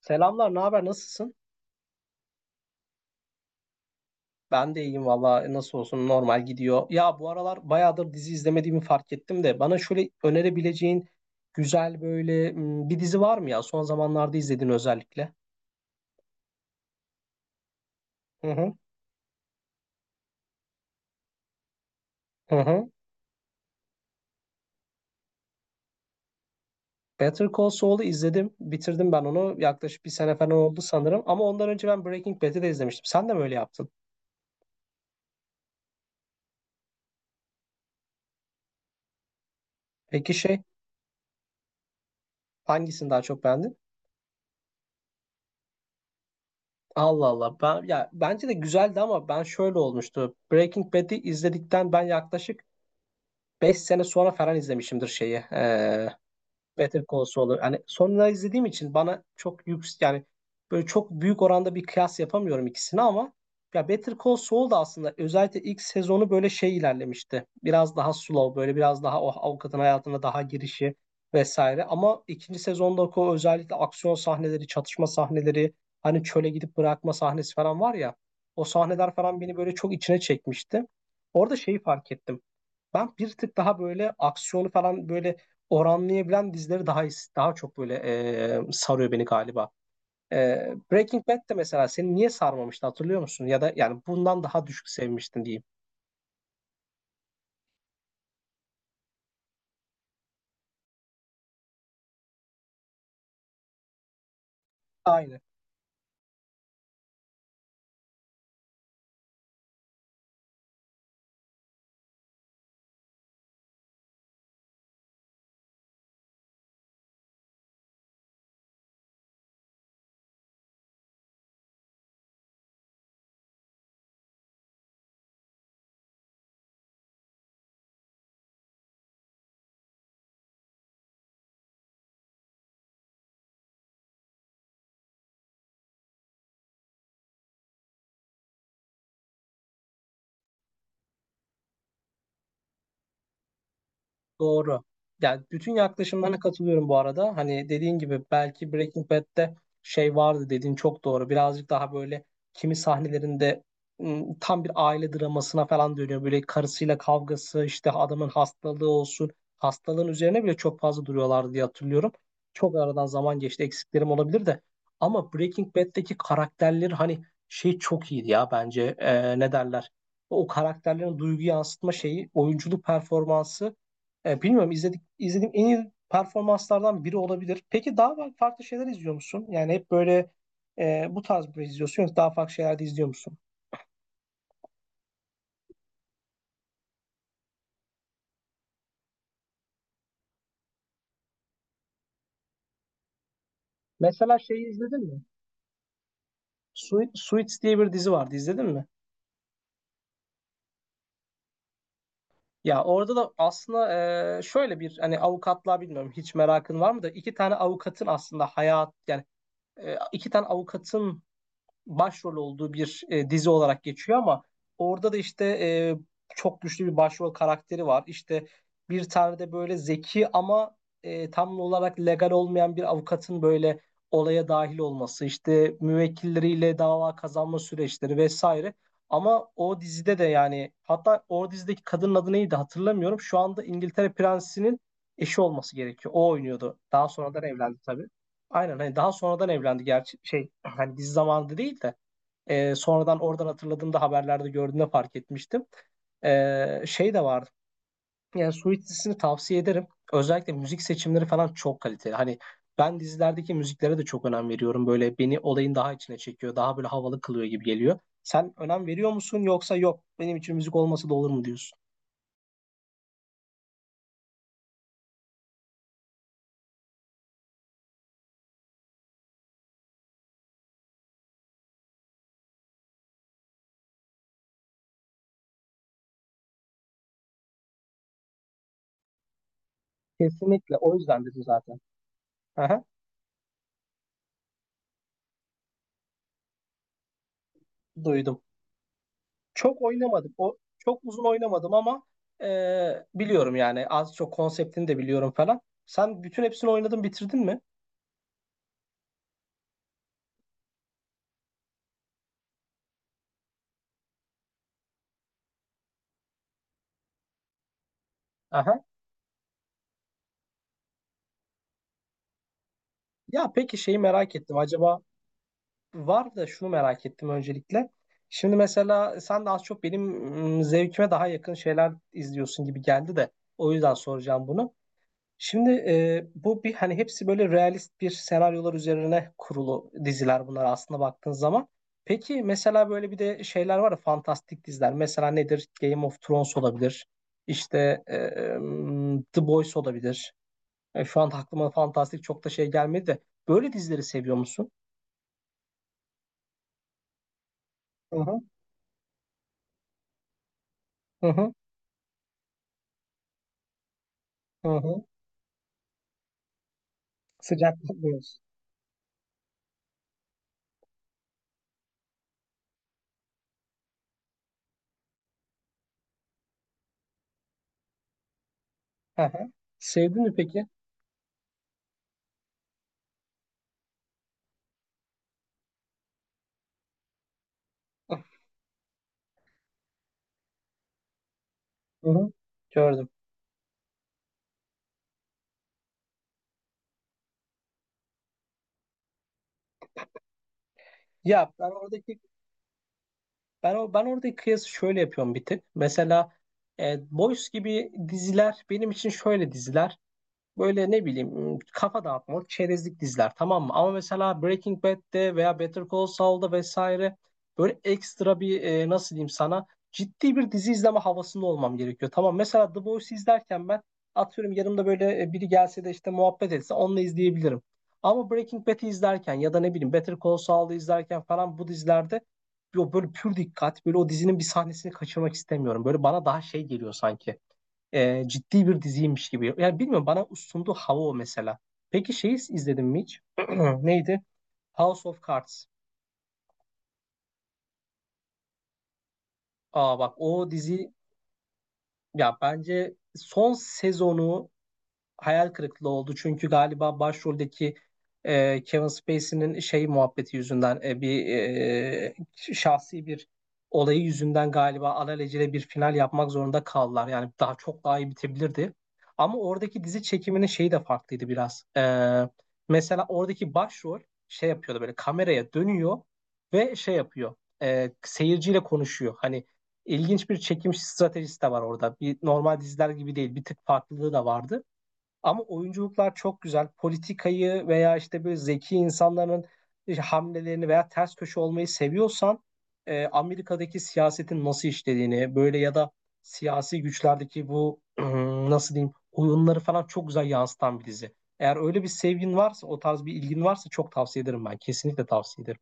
Selamlar, ne haber? Nasılsın? Ben de iyiyim valla. Nasıl olsun, normal gidiyor. Ya bu aralar bayağıdır dizi izlemediğimi fark ettim de bana şöyle önerebileceğin güzel bir dizi var mı ya? Son zamanlarda izlediğin özellikle. Hı hı. Hı hı. Better Call Saul'u izledim. Bitirdim ben onu. Yaklaşık bir sene falan oldu sanırım. Ama ondan önce ben Breaking Bad'i de izlemiştim. Sen de mi öyle yaptın? Peki hangisini daha çok beğendin? Allah Allah. Ya, bence de güzeldi ama ben şöyle olmuştu. Breaking Bad'i izledikten ben yaklaşık beş sene sonra falan izlemişimdir şeyi. Better Call Saul'u. Hani sonra izlediğim için bana çok yüksek, yani böyle çok büyük oranda bir kıyas yapamıyorum ikisini ama ya Better Call Saul da aslında özellikle ilk sezonu böyle şey ilerlemişti. Biraz daha slow, böyle biraz daha o avukatın hayatına daha girişi vesaire. Ama ikinci sezonda o özellikle aksiyon sahneleri, çatışma sahneleri, hani çöle gidip bırakma sahnesi falan var ya. O sahneler falan beni böyle çok içine çekmişti. Orada şeyi fark ettim. Ben bir tık daha böyle aksiyonu falan böyle oranlayabilen dizileri daha çok böyle sarıyor beni galiba. E, Breaking Bad de mesela seni niye sarmamıştı hatırlıyor musun? Ya da yani bundan daha düşük sevmiştin diyeyim. Aynen. Doğru. Yani bütün yaklaşımlarına katılıyorum bu arada. Hani dediğin gibi belki Breaking Bad'de şey vardı dediğin çok doğru. Birazcık daha böyle kimi sahnelerinde tam bir aile dramasına falan dönüyor. Böyle karısıyla kavgası, işte adamın hastalığı olsun. Hastalığın üzerine bile çok fazla duruyorlardı diye hatırlıyorum. Çok aradan zaman geçti. Eksiklerim olabilir de. Ama Breaking Bad'deki karakterler hani şey çok iyiydi ya bence. Ne derler? O karakterlerin duygu yansıtma şeyi, oyunculuk performansı, bilmiyorum, izlediğim en iyi performanslardan biri olabilir. Peki daha farklı şeyler izliyor musun? Yani hep böyle bu tarz bir şey izliyorsun, yoksa daha farklı şeyler de izliyor musun? Mesela şeyi izledin mi? Suits diye bir dizi vardı, izledin mi? Ya orada da aslında şöyle bir, hani avukatlığa bilmiyorum hiç merakın var mı, da iki tane avukatın aslında hayat yani iki tane avukatın başrol olduğu bir dizi olarak geçiyor ama orada da işte çok güçlü bir başrol karakteri var. İşte bir tane de böyle zeki ama tam olarak legal olmayan bir avukatın böyle olaya dahil olması, işte müvekkilleriyle dava kazanma süreçleri vesaire. Ama o dizide de yani, hatta o dizideki kadının adı neydi hatırlamıyorum. Şu anda İngiltere Prensi'nin eşi olması gerekiyor. O oynuyordu. Daha sonradan evlendi tabii. Aynen, hani daha sonradan evlendi gerçi, şey, hani dizi zamanında değil de. Sonradan oradan hatırladığımda, haberlerde gördüğümde fark etmiştim. Şey de vardı. Yani Suits dizisini tavsiye ederim. Özellikle müzik seçimleri falan çok kaliteli. Hani ben dizilerdeki müziklere de çok önem veriyorum. Böyle beni olayın daha içine çekiyor. Daha böyle havalı kılıyor gibi geliyor. Sen önem veriyor musun, yoksa yok benim için müzik olması da olur mu diyorsun? Kesinlikle, o yüzden dedim zaten. Aha, duydum. Çok oynamadım. O çok uzun oynamadım ama biliyorum yani, az çok konseptini de biliyorum falan. Sen bütün hepsini oynadın, bitirdin mi? Aha. Ya peki şeyi merak ettim. Acaba var da, şunu merak ettim öncelikle. Şimdi mesela sen de az çok benim zevkime daha yakın şeyler izliyorsun gibi geldi de o yüzden soracağım bunu. Şimdi bu bir, hani hepsi böyle realist bir senaryolar üzerine kurulu diziler bunlar aslında baktığın zaman. Peki mesela böyle bir de şeyler var ya, fantastik diziler. Mesela nedir? Game of Thrones olabilir. İşte The Boys olabilir. Şu an aklıma fantastik çok da şey gelmedi de. Böyle dizileri seviyor musun? Hı hı. Hı hı hı hı. Sıcak diyorsun. Hı hı. Sevdin mi peki? Hı hı. Gördüm. Ya ben oradaki ben oradaki kıyası şöyle yapıyorum bir tık. Mesela Boys gibi diziler benim için şöyle diziler. Böyle ne bileyim, kafa dağıtmalık, çerezlik diziler, tamam mı? Ama mesela Breaking Bad'de veya Better Call Saul'da vesaire böyle ekstra bir, nasıl diyeyim sana, ciddi bir dizi izleme havasında olmam gerekiyor. Tamam, mesela The Boys izlerken ben atıyorum yanımda böyle biri gelse de işte muhabbet etse onunla izleyebilirim. Ama Breaking Bad'i izlerken ya da ne bileyim Better Call Saul'u izlerken falan, bu dizilerde yo, böyle pür dikkat, böyle o dizinin bir sahnesini kaçırmak istemiyorum. Böyle bana daha şey geliyor sanki, ciddi bir diziymiş gibi. Yani bilmiyorum, bana sunduğu hava o mesela. Peki şeyi izledim mi hiç? Neydi? House of Cards. Aa bak, o dizi ya, bence son sezonu hayal kırıklığı oldu. Çünkü galiba başroldeki Kevin Spacey'nin şey muhabbeti yüzünden, şahsi bir olayı yüzünden galiba alelacele bir final yapmak zorunda kaldılar. Yani daha çok daha iyi bitebilirdi. Ama oradaki dizi çekiminin şeyi de farklıydı biraz. Mesela oradaki başrol şey yapıyordu, böyle kameraya dönüyor ve şey yapıyor. Seyirciyle konuşuyor. Hani ilginç bir çekim stratejisi de var orada. Bir normal diziler gibi değil. Bir tık farklılığı da vardı. Ama oyunculuklar çok güzel. Politikayı veya işte böyle zeki insanların işte hamlelerini veya ters köşe olmayı seviyorsan, Amerika'daki siyasetin nasıl işlediğini, böyle ya da siyasi güçlerdeki bu nasıl diyeyim oyunları falan çok güzel yansıtan bir dizi. Eğer öyle bir sevgin varsa, o tarz bir ilgin varsa, çok tavsiye ederim ben. Kesinlikle tavsiye ederim.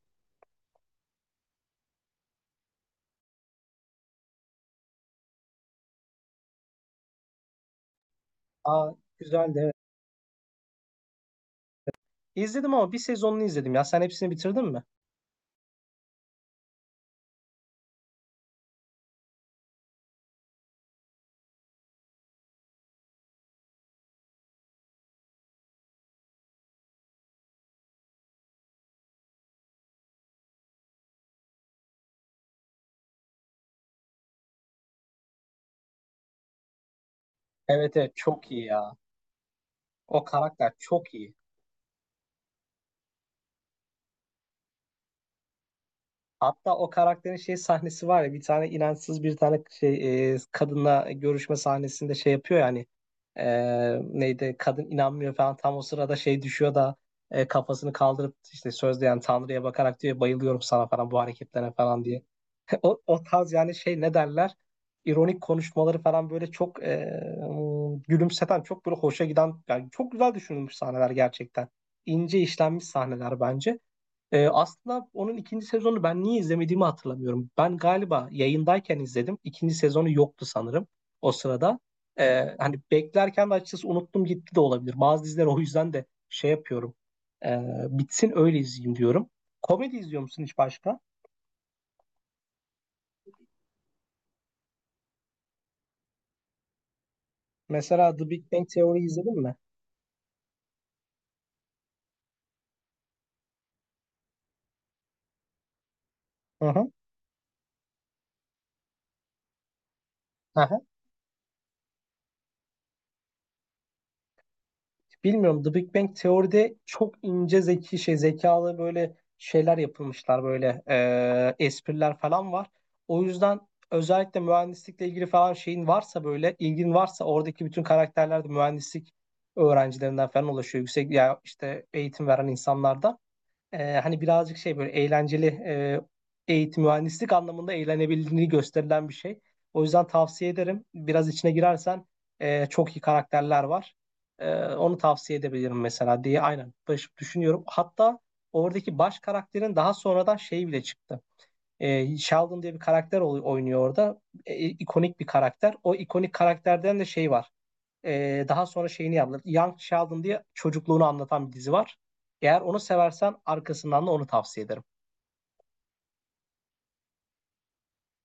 Aa, güzeldi evet. İzledim ama bir sezonunu izledim ya. Sen hepsini bitirdin mi? Evet evet, çok iyi ya. O karakter çok iyi. Hatta o karakterin şey sahnesi var ya, bir tane inançsız, bir tane şey, kadınla görüşme sahnesinde şey yapıyor yani, neydi, kadın inanmıyor falan, tam o sırada şey düşüyor da kafasını kaldırıp işte sözde yani Tanrı'ya bakarak diyor, bayılıyorum sana falan, bu hareketlerine falan diye. O tarz yani şey, ne derler, ironik konuşmaları falan böyle çok gülümseten, çok böyle hoşa giden, yani çok güzel düşünülmüş sahneler gerçekten. İnce işlenmiş sahneler bence. Aslında onun ikinci sezonu ben niye izlemediğimi hatırlamıyorum. Ben galiba yayındayken izledim. İkinci sezonu yoktu sanırım o sırada. Hani beklerken de açıkçası unuttum gitti de olabilir. Bazı diziler o yüzden de şey yapıyorum. Ee, Bitsin öyle izleyeyim diyorum. Komedi izliyor musun hiç başka? Mesela The Big Bang Theory izledin mi? Hı hı. Aha. Bilmiyorum, The Big Bang Teori'de çok ince zeki şey zekalı böyle şeyler yapılmışlar, böyle espriler falan var. O yüzden özellikle mühendislikle ilgili falan şeyin varsa, böyle ilgin varsa, oradaki bütün karakterler de mühendislik öğrencilerinden falan oluşuyor. Yüksek ya işte eğitim veren insanlardan, hani birazcık şey böyle eğlenceli, eğitim mühendislik anlamında eğlenebildiğini gösterilen bir şey. O yüzden tavsiye ederim. Biraz içine girersen çok iyi karakterler var. Onu tavsiye edebilirim mesela diye aynen düşünüyorum. Hatta oradaki baş karakterin daha sonradan şeyi bile çıktı. Sheldon diye bir karakter oynuyor orada. İkonik bir karakter. O ikonik karakterden de şey var. Daha sonra şeyini yaptılar. Young Sheldon diye çocukluğunu anlatan bir dizi var. Eğer onu seversen arkasından da onu tavsiye ederim.